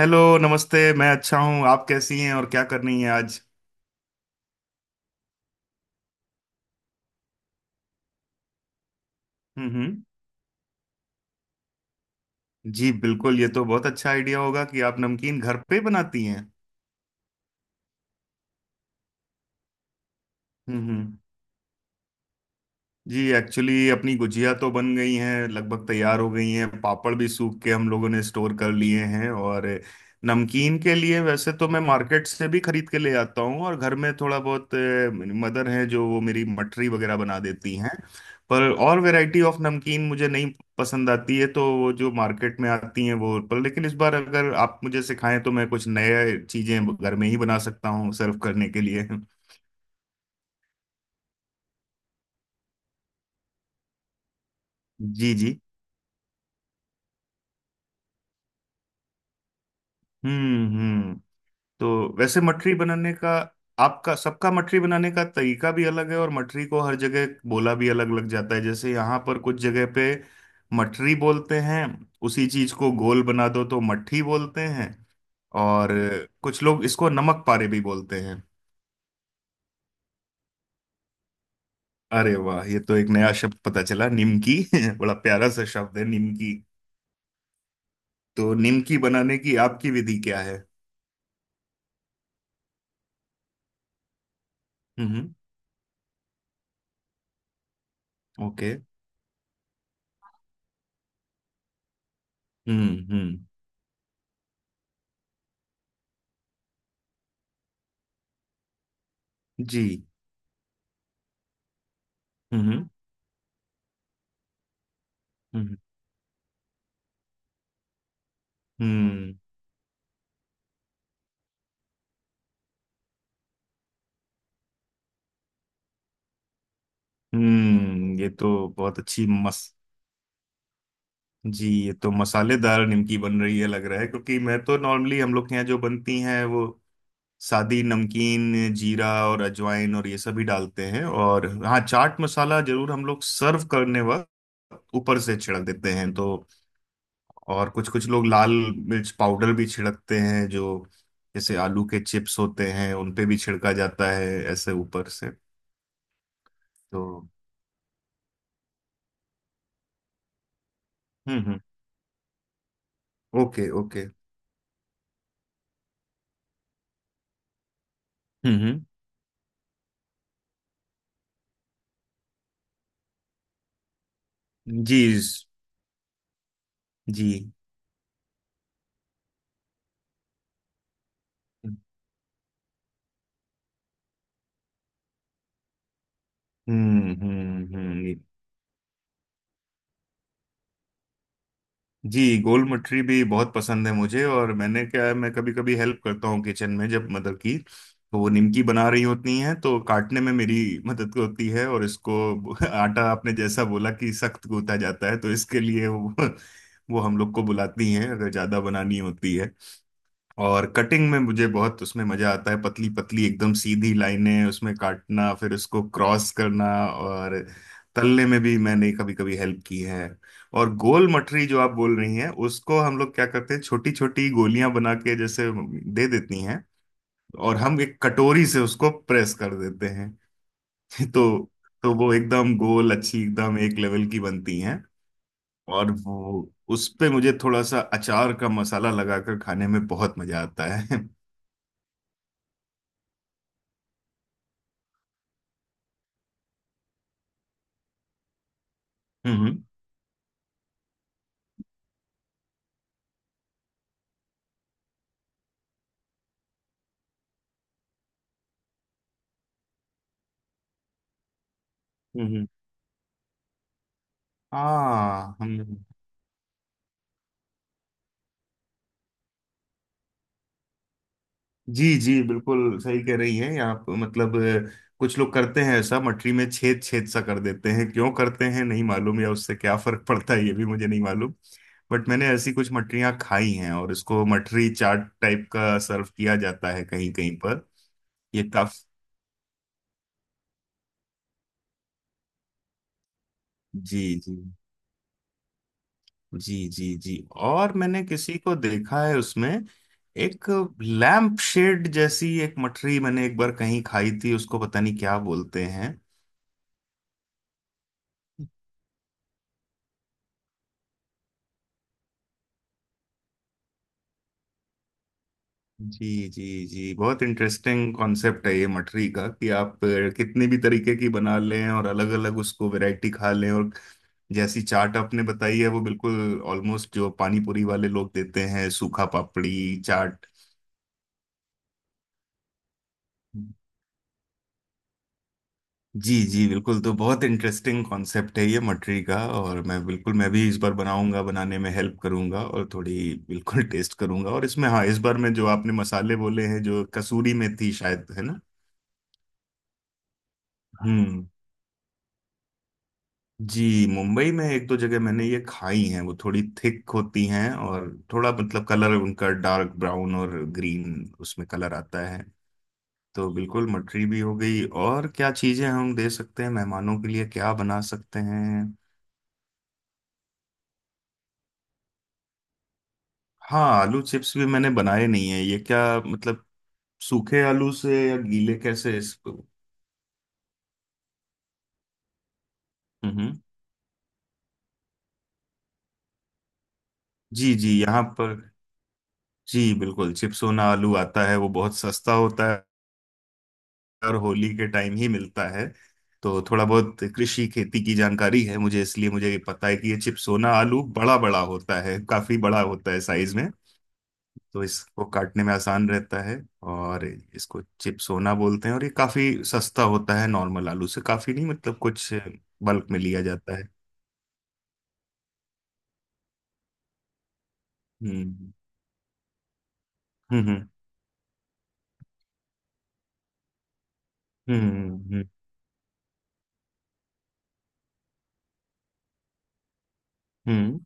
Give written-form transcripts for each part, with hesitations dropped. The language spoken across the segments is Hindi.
हेलो, नमस्ते। मैं अच्छा हूँ, आप कैसी हैं और क्या करनी है आज। हम्म, हम्म। जी बिल्कुल, ये तो बहुत अच्छा आइडिया होगा कि आप नमकीन घर पे बनाती हैं। हम्म, जी, एक्चुअली अपनी गुजिया तो बन गई हैं, लगभग तैयार हो गई हैं। पापड़ भी सूख के हम लोगों ने स्टोर कर लिए हैं। और नमकीन के लिए वैसे तो मैं मार्केट से भी खरीद के ले आता हूँ, और घर में थोड़ा बहुत मदर है जो वो मेरी मठरी वगैरह बना देती हैं। पर और वैरायटी ऑफ नमकीन मुझे नहीं पसंद आती है, तो वो जो मार्केट में आती हैं वो, पर लेकिन इस बार अगर आप मुझे सिखाएं तो मैं कुछ नए चीजें घर में ही बना सकता हूँ सर्व करने के लिए। जी, जी। हम्म, हम्म। तो वैसे मठरी बनाने का आपका सबका मठरी बनाने का तरीका भी अलग है, और मठरी को हर जगह बोला भी अलग अलग जाता है। जैसे यहाँ पर कुछ जगह पे मठरी बोलते हैं। उसी चीज को गोल बना दो तो मट्ठी बोलते हैं। और कुछ लोग इसको नमक पारे भी बोलते हैं। अरे वाह, ये तो एक नया शब्द पता चला, निमकी। बड़ा प्यारा सा शब्द है निमकी। तो निमकी बनाने की आपकी विधि क्या है? हम्म। ओके। हम्म, हम्म। जी। हम्म, हम्म। हम्म। ये तो बहुत अच्छी मस जी, ये तो मसालेदार निमकी बन रही है लग रहा है, क्योंकि मैं तो नॉर्मली हम लोग के यहाँ जो बनती हैं वो सादी नमकीन, जीरा और अजवाइन और ये सभी डालते हैं। और हाँ, चाट मसाला जरूर हम लोग सर्व करने वक्त ऊपर से छिड़क देते हैं तो। और कुछ कुछ लोग लाल मिर्च पाउडर भी छिड़कते हैं, जो जैसे आलू के चिप्स होते हैं उन पे भी छिड़का जाता है, ऐसे ऊपर से। तो हम्म, हम्म। Okay, okay. हम्म, हम्म। जी, जी। हम्म, हम्म, हम्म। जी, गोल मटरी भी बहुत पसंद है मुझे। और मैंने क्या है, मैं कभी कभी हेल्प करता हूँ किचन में जब मदर की, तो वो निमकी बना रही होती हैं तो काटने में मेरी मदद होती है। और इसको आटा आपने जैसा बोला कि सख्त गूंथा जाता है, तो इसके लिए वो हम लोग को बुलाती हैं अगर ज्यादा बनानी होती है। और कटिंग में मुझे बहुत उसमें मजा आता है, पतली पतली एकदम सीधी लाइनें उसमें काटना, फिर उसको क्रॉस करना। और तलने में भी मैंने कभी कभी हेल्प की है। और गोल मटरी जो आप बोल रही हैं, उसको हम लोग क्या करते हैं, छोटी छोटी गोलियां बना के जैसे दे देती हैं, और हम एक कटोरी से उसको प्रेस कर देते हैं। तो तो वो एकदम गोल अच्छी, एकदम एक लेवल की बनती हैं। और वो, उस पे मुझे थोड़ा सा अचार का मसाला लगाकर खाने में बहुत मजा आता है। हम्म, हम्म। हाँ, हम। जी जी बिल्कुल सही कह रही हैं आप, मतलब अ, कुछ लोग करते हैं ऐसा, मटरी में छेद छेद सा कर देते हैं। क्यों करते हैं नहीं मालूम, या उससे क्या फर्क पड़ता है ये भी मुझे नहीं मालूम। बट मैंने ऐसी कुछ मटरियां खाई हैं, और इसको मटरी चाट टाइप का सर्व किया जाता है कहीं कहीं पर। ये काफ जी, जी, जी, जी, जी। और मैंने किसी को देखा है उसमें, एक लैम्प शेड जैसी एक मटरी मैंने एक बार कहीं खाई थी, उसको पता नहीं क्या बोलते हैं। जी जी जी, बहुत इंटरेस्टिंग कॉन्सेप्ट है ये मठरी का कि आप कितने भी तरीके की बना लें, और अलग अलग उसको वैरायटी खा लें। और जैसी चाट आपने बताई है वो बिल्कुल ऑलमोस्ट जो पानी पूरी वाले लोग देते हैं, सूखा पापड़ी चाट। जी जी बिल्कुल, तो बहुत इंटरेस्टिंग कॉन्सेप्ट है ये मठरी का। और मैं भी इस बार बनाऊंगा, बनाने में हेल्प करूंगा और थोड़ी बिल्कुल टेस्ट करूंगा। और इसमें हाँ, इस बार में जो आपने मसाले बोले हैं जो कसूरी मेथी शायद है ना? हम्म। जी। मुंबई में एक दो जगह मैंने ये खाई हैं, वो थोड़ी थिक होती हैं, और थोड़ा मतलब कलर उनका डार्क ब्राउन और ग्रीन उसमें कलर आता है। तो बिल्कुल मटरी भी हो गई, और क्या चीजें हम दे सकते हैं मेहमानों के लिए, क्या बना सकते हैं? हाँ, आलू चिप्स भी मैंने बनाए नहीं है, ये क्या, मतलब सूखे आलू से या गीले, कैसे इसको? हम्म, जी, जी, यहाँ पर। जी बिल्कुल, चिप्सोना आलू आता है वो बहुत सस्ता होता, और होली के टाइम ही मिलता है। तो थोड़ा बहुत कृषि खेती की जानकारी है मुझे, इसलिए मुझे ये पता है कि ये चिपसोना आलू बड़ा बड़ा होता है, काफी बड़ा होता है साइज में। तो इसको काटने में आसान रहता है। और इसको चिपसोना बोलते हैं, और ये काफी सस्ता होता है नॉर्मल आलू से, काफी नहीं मतलब, कुछ बल्क में लिया जाता है। हम्म, हम्म, हम्म, हम्म, हम्म, हम्म।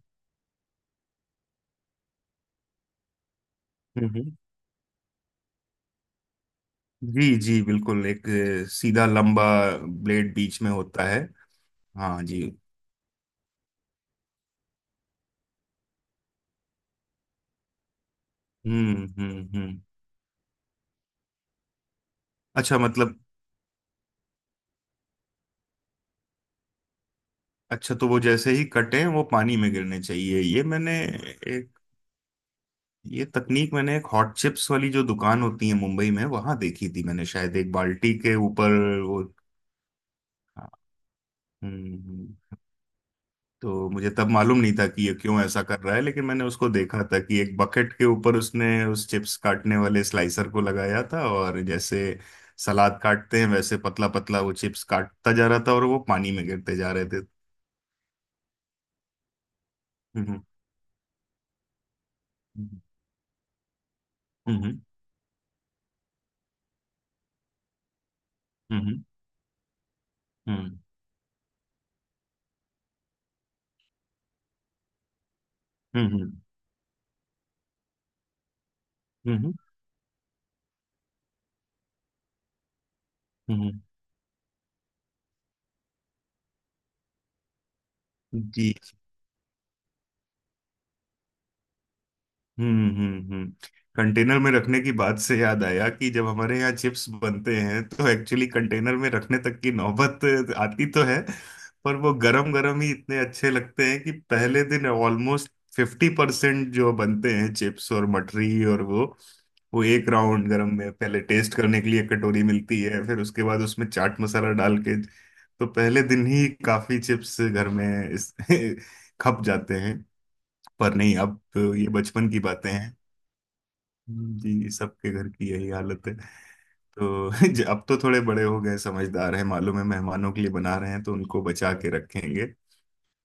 हम्म, हम्म। जी, जी बिल्कुल। एक सीधा लंबा ब्लेड बीच में होता है। हाँ जी। हम्म, हम्म, हम्म। अच्छा मतलब, अच्छा तो वो जैसे ही कटे वो पानी में गिरने चाहिए? एक ये तकनीक मैंने एक हॉट चिप्स वाली जो दुकान होती है मुंबई में वहां देखी थी, मैंने शायद एक बाल्टी के ऊपर वो। हम्म, हम्म। तो मुझे तब मालूम नहीं था कि ये क्यों ऐसा कर रहा है, लेकिन मैंने उसको देखा था कि एक बकेट के ऊपर उसने उस चिप्स काटने वाले स्लाइसर को लगाया था, और जैसे सलाद काटते हैं वैसे पतला पतला वो चिप्स काटता जा रहा था, और वो पानी में गिरते जा रहे थे। हम्म, हम्म, हम्म, हम्म, हम्म। हम्म, हम्म, हम्म, हम्म, जी, हम्म, हम्म, हम्म। कंटेनर में रखने की बात से याद आया कि जब हमारे यहाँ चिप्स बनते हैं तो एक्चुअली कंटेनर में रखने तक की नौबत आती तो है, पर वो गरम गरम ही इतने अच्छे लगते हैं कि पहले दिन ऑलमोस्ट 50% जो बनते हैं चिप्स और मठरी और वो एक राउंड गरम में पहले टेस्ट करने के लिए एक कटोरी मिलती है, फिर उसके बाद उसमें चाट मसाला डाल के, तो पहले दिन ही काफी चिप्स घर में इस खप जाते हैं। पर नहीं, अब ये बचपन की बातें। जी, सबके घर की यही हालत है। तो अब तो थोड़े बड़े हो गए, समझदार हैं, मालूम है मेहमानों के लिए बना रहे हैं तो उनको बचा के रखेंगे।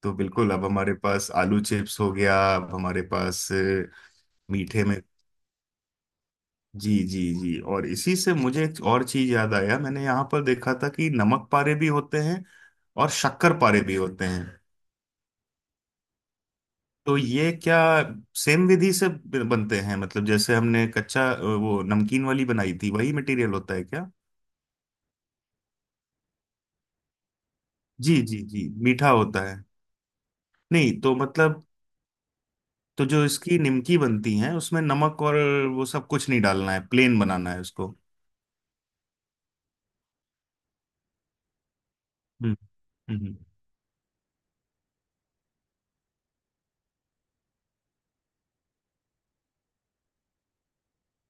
तो बिल्कुल, अब हमारे पास आलू चिप्स हो गया। अब हमारे पास मीठे में। जी जी जी, और इसी से मुझे एक और चीज याद आया, मैंने यहाँ पर देखा था कि नमक पारे भी होते हैं, और शक्कर पारे भी होते हैं। तो ये क्या, सेम विधि से बनते हैं, मतलब जैसे हमने कच्चा वो नमकीन वाली बनाई थी वही मटेरियल होता है। जी जी जी मीठा होता है। नहीं तो मतलब, तो जो इसकी निमकी बनती है उसमें नमक और वो सब कुछ नहीं डालना है, प्लेन बनाना है उसको। हम्म, हम्म,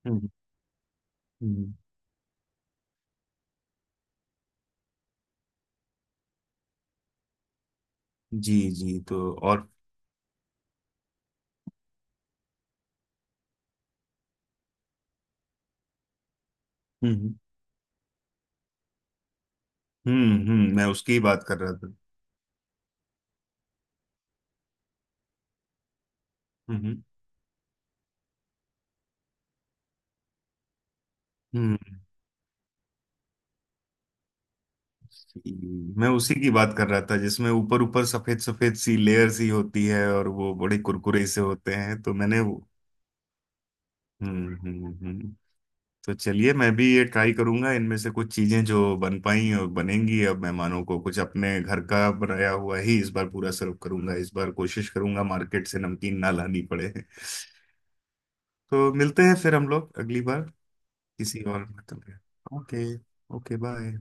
हम्म, हम्म, जी, जी, तो और हम्म, हम्म, हम्म, मैं उसकी ही बात कर रहा था। हम्म, हम्म, जी, मैं उसी की बात कर रहा था, जिसमें ऊपर ऊपर सफेद सफेद सी लेयर सी होती है और वो बड़े कुरकुरे से होते हैं, तो मैंने वो। हम्म, हम्म, हम्म। तो चलिए मैं भी ये ट्राई करूंगा, इनमें से कुछ चीजें जो बन पाई और बनेंगी। अब मेहमानों को कुछ अपने घर का बनाया हुआ ही इस बार पूरा सर्व करूंगा, इस बार कोशिश करूंगा मार्केट से नमकीन ना लानी पड़े। तो मिलते हैं फिर हम लोग अगली बार किसी और, मतलब ओके। Okay, bye.